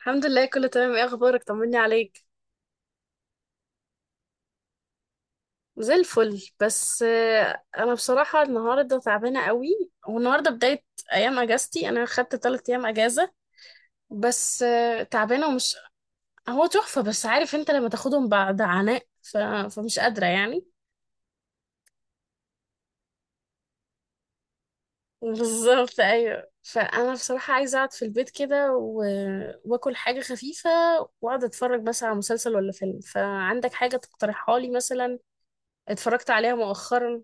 الحمد لله، كله تمام. ايه اخبارك؟ طمني عليك. زي الفل. بس انا بصراحه النهارده تعبانه قوي، والنهارده بدايه ايام اجازتي. انا خدت 3 ايام اجازه. بس تعبانه ومش. هو تحفه، بس عارف انت لما تاخدهم بعد عناء فمش قادره يعني. بالظبط، ايوه. فانا بصراحه عايزه اقعد في البيت كده واكل حاجه خفيفه واقعد اتفرج بس على مسلسل ولا فيلم. فعندك حاجه تقترحها لي مثلا؟ اتفرجت عليها مؤخرا.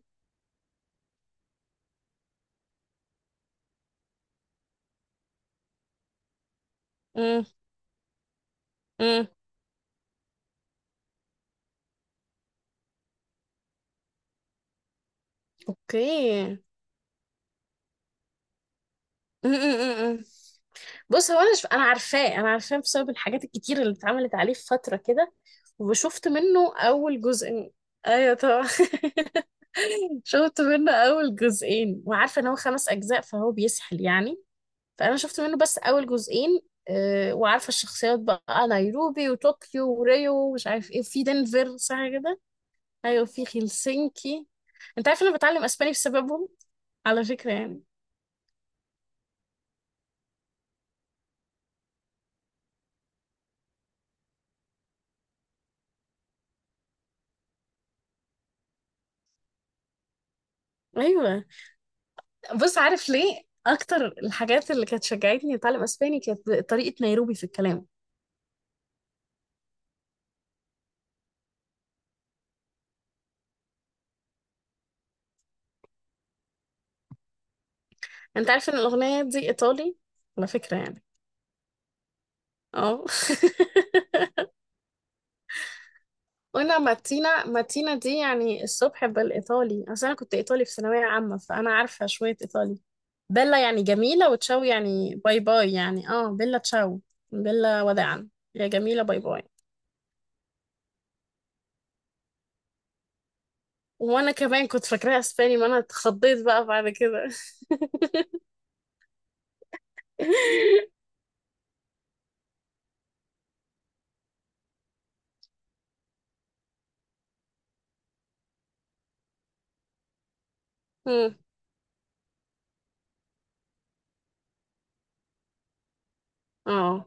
امم. اوكي. م. بص، هو انا انا عارفاه بسبب الحاجات الكتير اللي اتعملت عليه في فتره كده. وشفت منه اول جزء. ايوه طبعا. شفت منه اول جزئين، وعارفه ان هو 5 اجزاء فهو بيسحل يعني. فانا شفت منه بس اول جزئين. وعارفه الشخصيات بقى: نيروبي وطوكيو وريو ومش عارف ايه، في دنفر، صح كده؟ ايوه، في هلسنكي. انت عارف إن انا بتعلم اسباني بسببهم، على فكره يعني. ايوه. بص عارف ليه؟ اكتر الحاجات اللي كانت شجعتني اتعلم اسباني كانت طريقة نيروبي في الكلام. انت عارف ان الاغنية دي ايطالي، على فكرة يعني. اه. وانا ماتينا ماتينا دي يعني الصبح بالايطالي، اصل انا كنت ايطالي في ثانوية عامة، فانا عارفة شوية ايطالي. بيلا يعني جميلة، وتشاو يعني باي باي، يعني بيلا تشاو، بيلا وداعا، يا جميلة باي باي. وانا كمان كنت فاكراها اسباني، ما انا اتخضيت بقى بعد كده. مم. اه،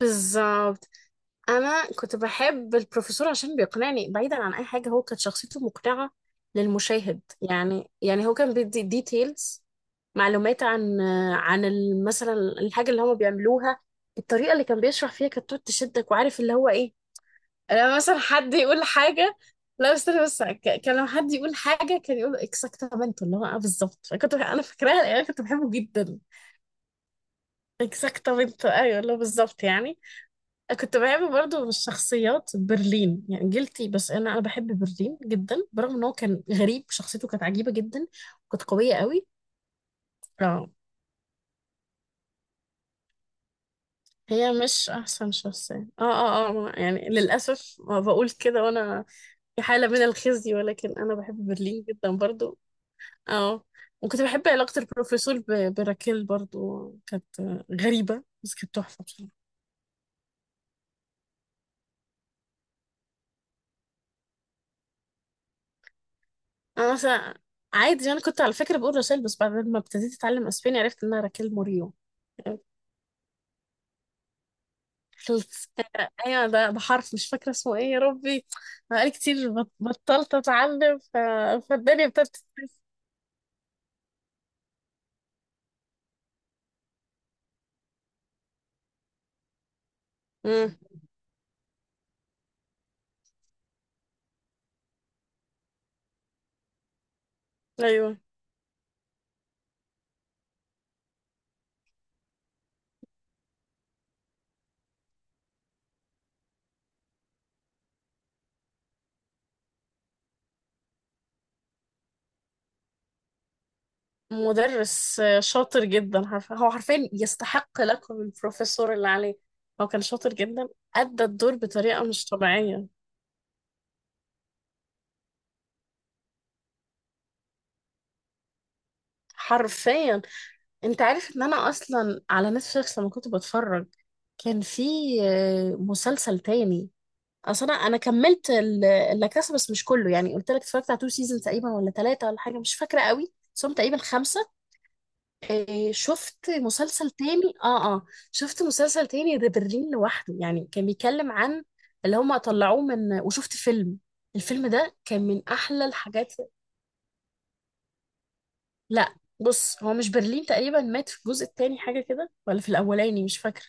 بالظبط. انا كنت بحب البروفيسور عشان بيقنعني بعيدا عن اي حاجه، هو كانت شخصيته مقنعه للمشاهد يعني هو كان بيدي ديتيلز، معلومات عن، عن مثلا الحاجه اللي هم بيعملوها. الطريقه اللي كان بيشرح فيها كانت تقعد تشدك، وعارف اللي هو ايه. لما مثلا حد يقول حاجه، لا استنى بس كان لما حد يقول حاجه كان يقول اكزاكتامنتو، اللي هو اه بالظبط، انا فاكراها يعني، كنت بحبه جدا. اكزاكتامنتو، ايوه، اللي هو بالظبط يعني. كنت بحب برضو الشخصيات. برلين يعني جلتي، بس انا بحب برلين جدا، برغم ان هو كان غريب. شخصيته كانت عجيبة جدا، كانت قوية قوي. اه. هي مش احسن شخصية يعني، للاسف ما بقول كده وانا في حالة من الخزي، ولكن انا بحب برلين جدا برضو. اه. وكنت بحب علاقة البروفيسور براكيل برضو، كانت غريبة بس كانت تحفة بصراحة. انا مثلا عادي، انا كنت على فكرة بقول رشال، بس بعد ما ابتديت اتعلم اسباني عرفت انها راكيل موريو. خلصتها. ايوه، ده بحرف مش فاكره اسمه ايه يا ربي، بقالي كتير بطلت اتعلم فالدنيا ابتدت. امم. ايوه. مدرس شاطر جدا. هو حرفيا يستحق لقب البروفيسور اللي عليه. هو كان شاطر جدا، ادى الدور بطريقه مش طبيعيه، حرفيا. انت عارف ان انا اصلا على نتفليكس لما كنت بتفرج كان في مسلسل تاني. اصل انا كملت اللاكاسا بس مش كله، يعني قلت لك اتفرجت على تو سيزون تقريبا ولا 3 ولا حاجه، مش فاكره قوي، بس هم تقريبا 5. إيه، شفت مسلسل تاني شفت مسلسل تاني، ده برلين لوحده. يعني كان بيتكلم عن اللي هم طلعوه من، وشفت فيلم. الفيلم ده كان من احلى الحاجات. لا، بص هو مش برلين تقريبا مات في الجزء التاني، حاجه كده، ولا في الاولاني، مش فاكره.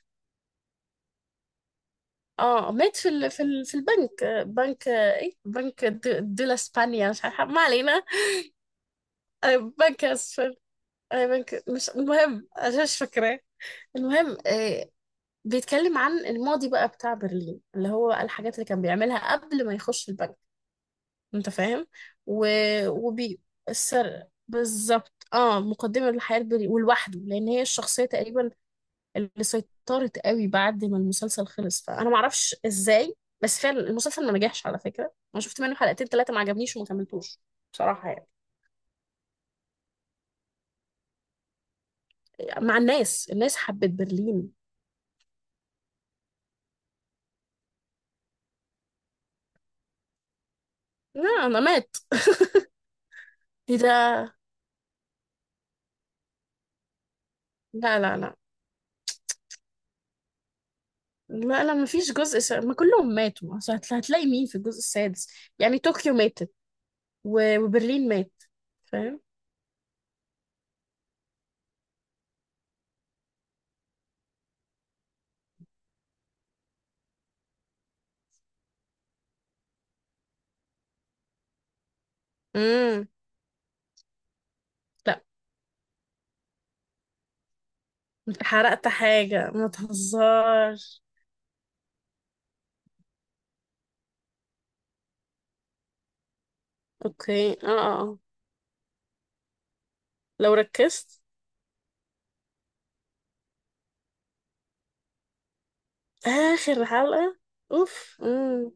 اه، مات في البنك، بنك، ايه، بنك دولا اسبانيا، مش عارفه، ما علينا. بنك أسفل، بنك، مش المهم، أنا مش فاكراه. المهم، بيتكلم عن الماضي بقى بتاع برلين، اللي هو الحاجات اللي كان بيعملها قبل ما يخش البنك. أنت فاهم؟ و... وبي السر، بالظبط. اه مقدمة للحياة البري ولوحده، لأن هي الشخصية تقريبا اللي سيطرت قوي بعد ما المسلسل خلص. فأنا معرفش إزاي، بس فعلا المسلسل ما نجحش على فكرة. أنا شفت منه حلقتين ثلاثة ما عجبنيش وما كملتوش، بصراحة يعني. مع الناس، حبت برلين. لا، انا مات. إيه ده؟ لا لا لا لا لا، ما فيش جزء ما كلهم ماتوا، أصل هتلاقي مين في الجزء السادس؟ يعني طوكيو ماتت و... وبرلين مات. فاهم؟ امم. لا، انت حرقت حاجة، ما تهزرش. اوكي، لو ركزت. اخر حلقة. اوف.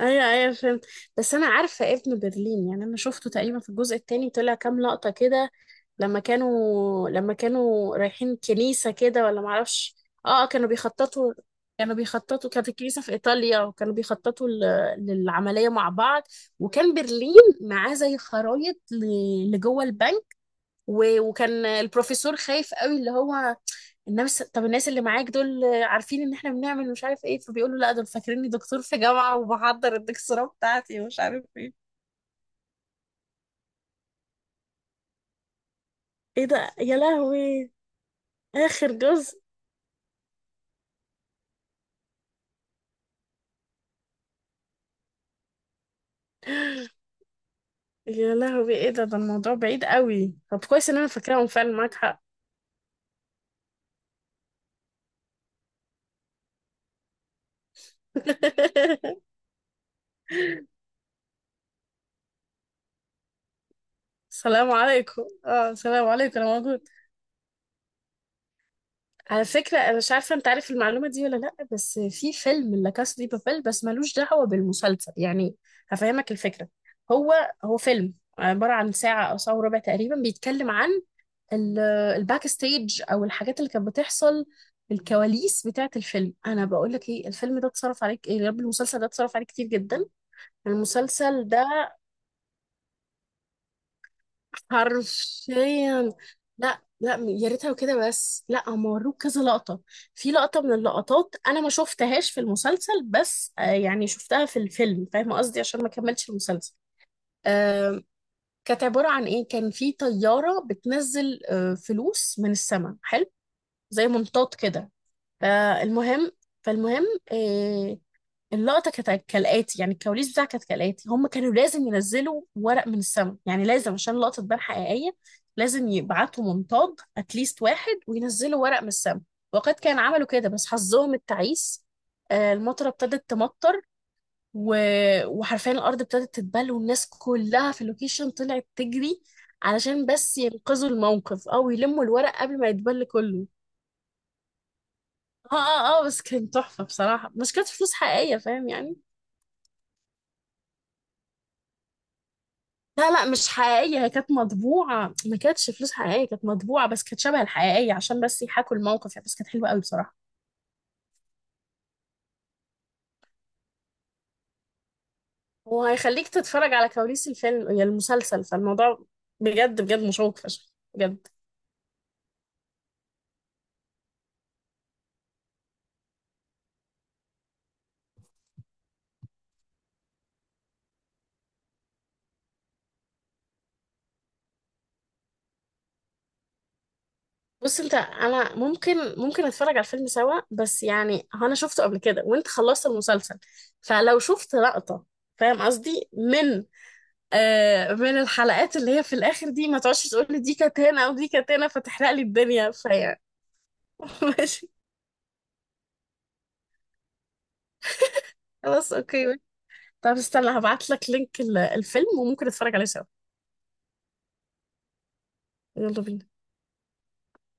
ايوه ايوه، فهمت. بس انا عارفة ابن برلين، يعني انا شفته تقريبا في الجزء التاني، طلع كام لقطة كده لما كانوا رايحين كنيسة كده ولا معرفش. اه، كانوا بيخططوا. كانوا بيخططوا، كانت الكنيسة في إيطاليا، وكانوا بيخططوا للعملية مع بعض. وكان برلين معاه زي خرايط لجوه البنك. و- وكان البروفيسور خايف قوي، اللي هو الناس، طب الناس اللي معاك دول عارفين ان احنا بنعمل مش عارف ايه؟ فبيقولوا لا، دول فاكريني دكتور في جامعة وبحضر الدكتوراه بتاعتي ومش عارف ايه. ايه ده يا لهوي؟ اخر جزء؟ يا لهوي، ايه ده الموضوع بعيد قوي. طب كويس ان انا فاكراهم، فعلا معاك حق. السلام عليكم، اه، السلام عليكم، انا موجود. على فكره، انا مش عارفه انت عارف المعلومه دي ولا لا، بس في فيلم لا كاسا دي بابيل، بس ملوش دعوه بالمسلسل يعني. هفهمك الفكره. هو هو فيلم، عباره عن ساعه او ساعه وربع تقريبا، بيتكلم عن ال- الباك ستيج، او الحاجات اللي كانت بتحصل، الكواليس بتاعت الفيلم. انا بقول لك ايه، الفيلم ده اتصرف عليك، ايه يا رب، المسلسل ده اتصرف عليه كتير جدا. المسلسل ده حرفيا، لا لا يا ريتها كده، بس لا هم وروك كذا لقطة. في لقطة من اللقطات انا ما شفتهاش في المسلسل، بس يعني شفتها في الفيلم، فاهمة قصدي؟ عشان ما كملتش المسلسل. آه، كانت عبارة عن ايه؟ كان في طيارة بتنزل فلوس من السماء، حلو، زي منطاد كده. فالمهم فالمهم، آه، اللقطة كانت كالآتي، يعني الكواليس بتاعها كانت كالآتي: هم كانوا لازم ينزلوا ورق من السما، يعني لازم عشان اللقطة تبان حقيقية، لازم يبعتوا منطاد اتليست واحد وينزلوا ورق من السما. وقد كان، عملوا كده، بس حظهم التعيس المطرة ابتدت تمطر، و... وحرفيا الأرض ابتدت تتبل، والناس كلها في اللوكيشن طلعت تجري علشان بس ينقذوا الموقف، أو يلموا الورق قبل ما يتبل كله. اه بس كان تحفة بصراحة، مش كانت فلوس حقيقية، فاهم يعني. لا لا، مش حقيقية، هي كانت مطبوعة، ما كانتش فلوس حقيقية، كانت مطبوعة بس كانت شبه الحقيقية عشان بس يحاكوا الموقف، يعني بس كانت حلوة قوي بصراحة. وهيخليك تتفرج على كواليس الفيلم يا المسلسل، فالموضوع بجد بجد مشوق فشخ. بجد. بص انت، انا ممكن اتفرج على الفيلم سوا، بس يعني هو انا شفته قبل كده، وانت خلصت المسلسل، فلو شفت لقطة، فاهم قصدي، من من الحلقات اللي هي في الاخر دي، ما تقعدش تقول لي دي كانت هنا ودي كانت هنا فتحرق لي الدنيا، فيعني. ماشي. خلاص، اوكي. طب استنى، هبعت لك لينك الفيلم، وممكن نتفرج عليه سوا. يلا بينا.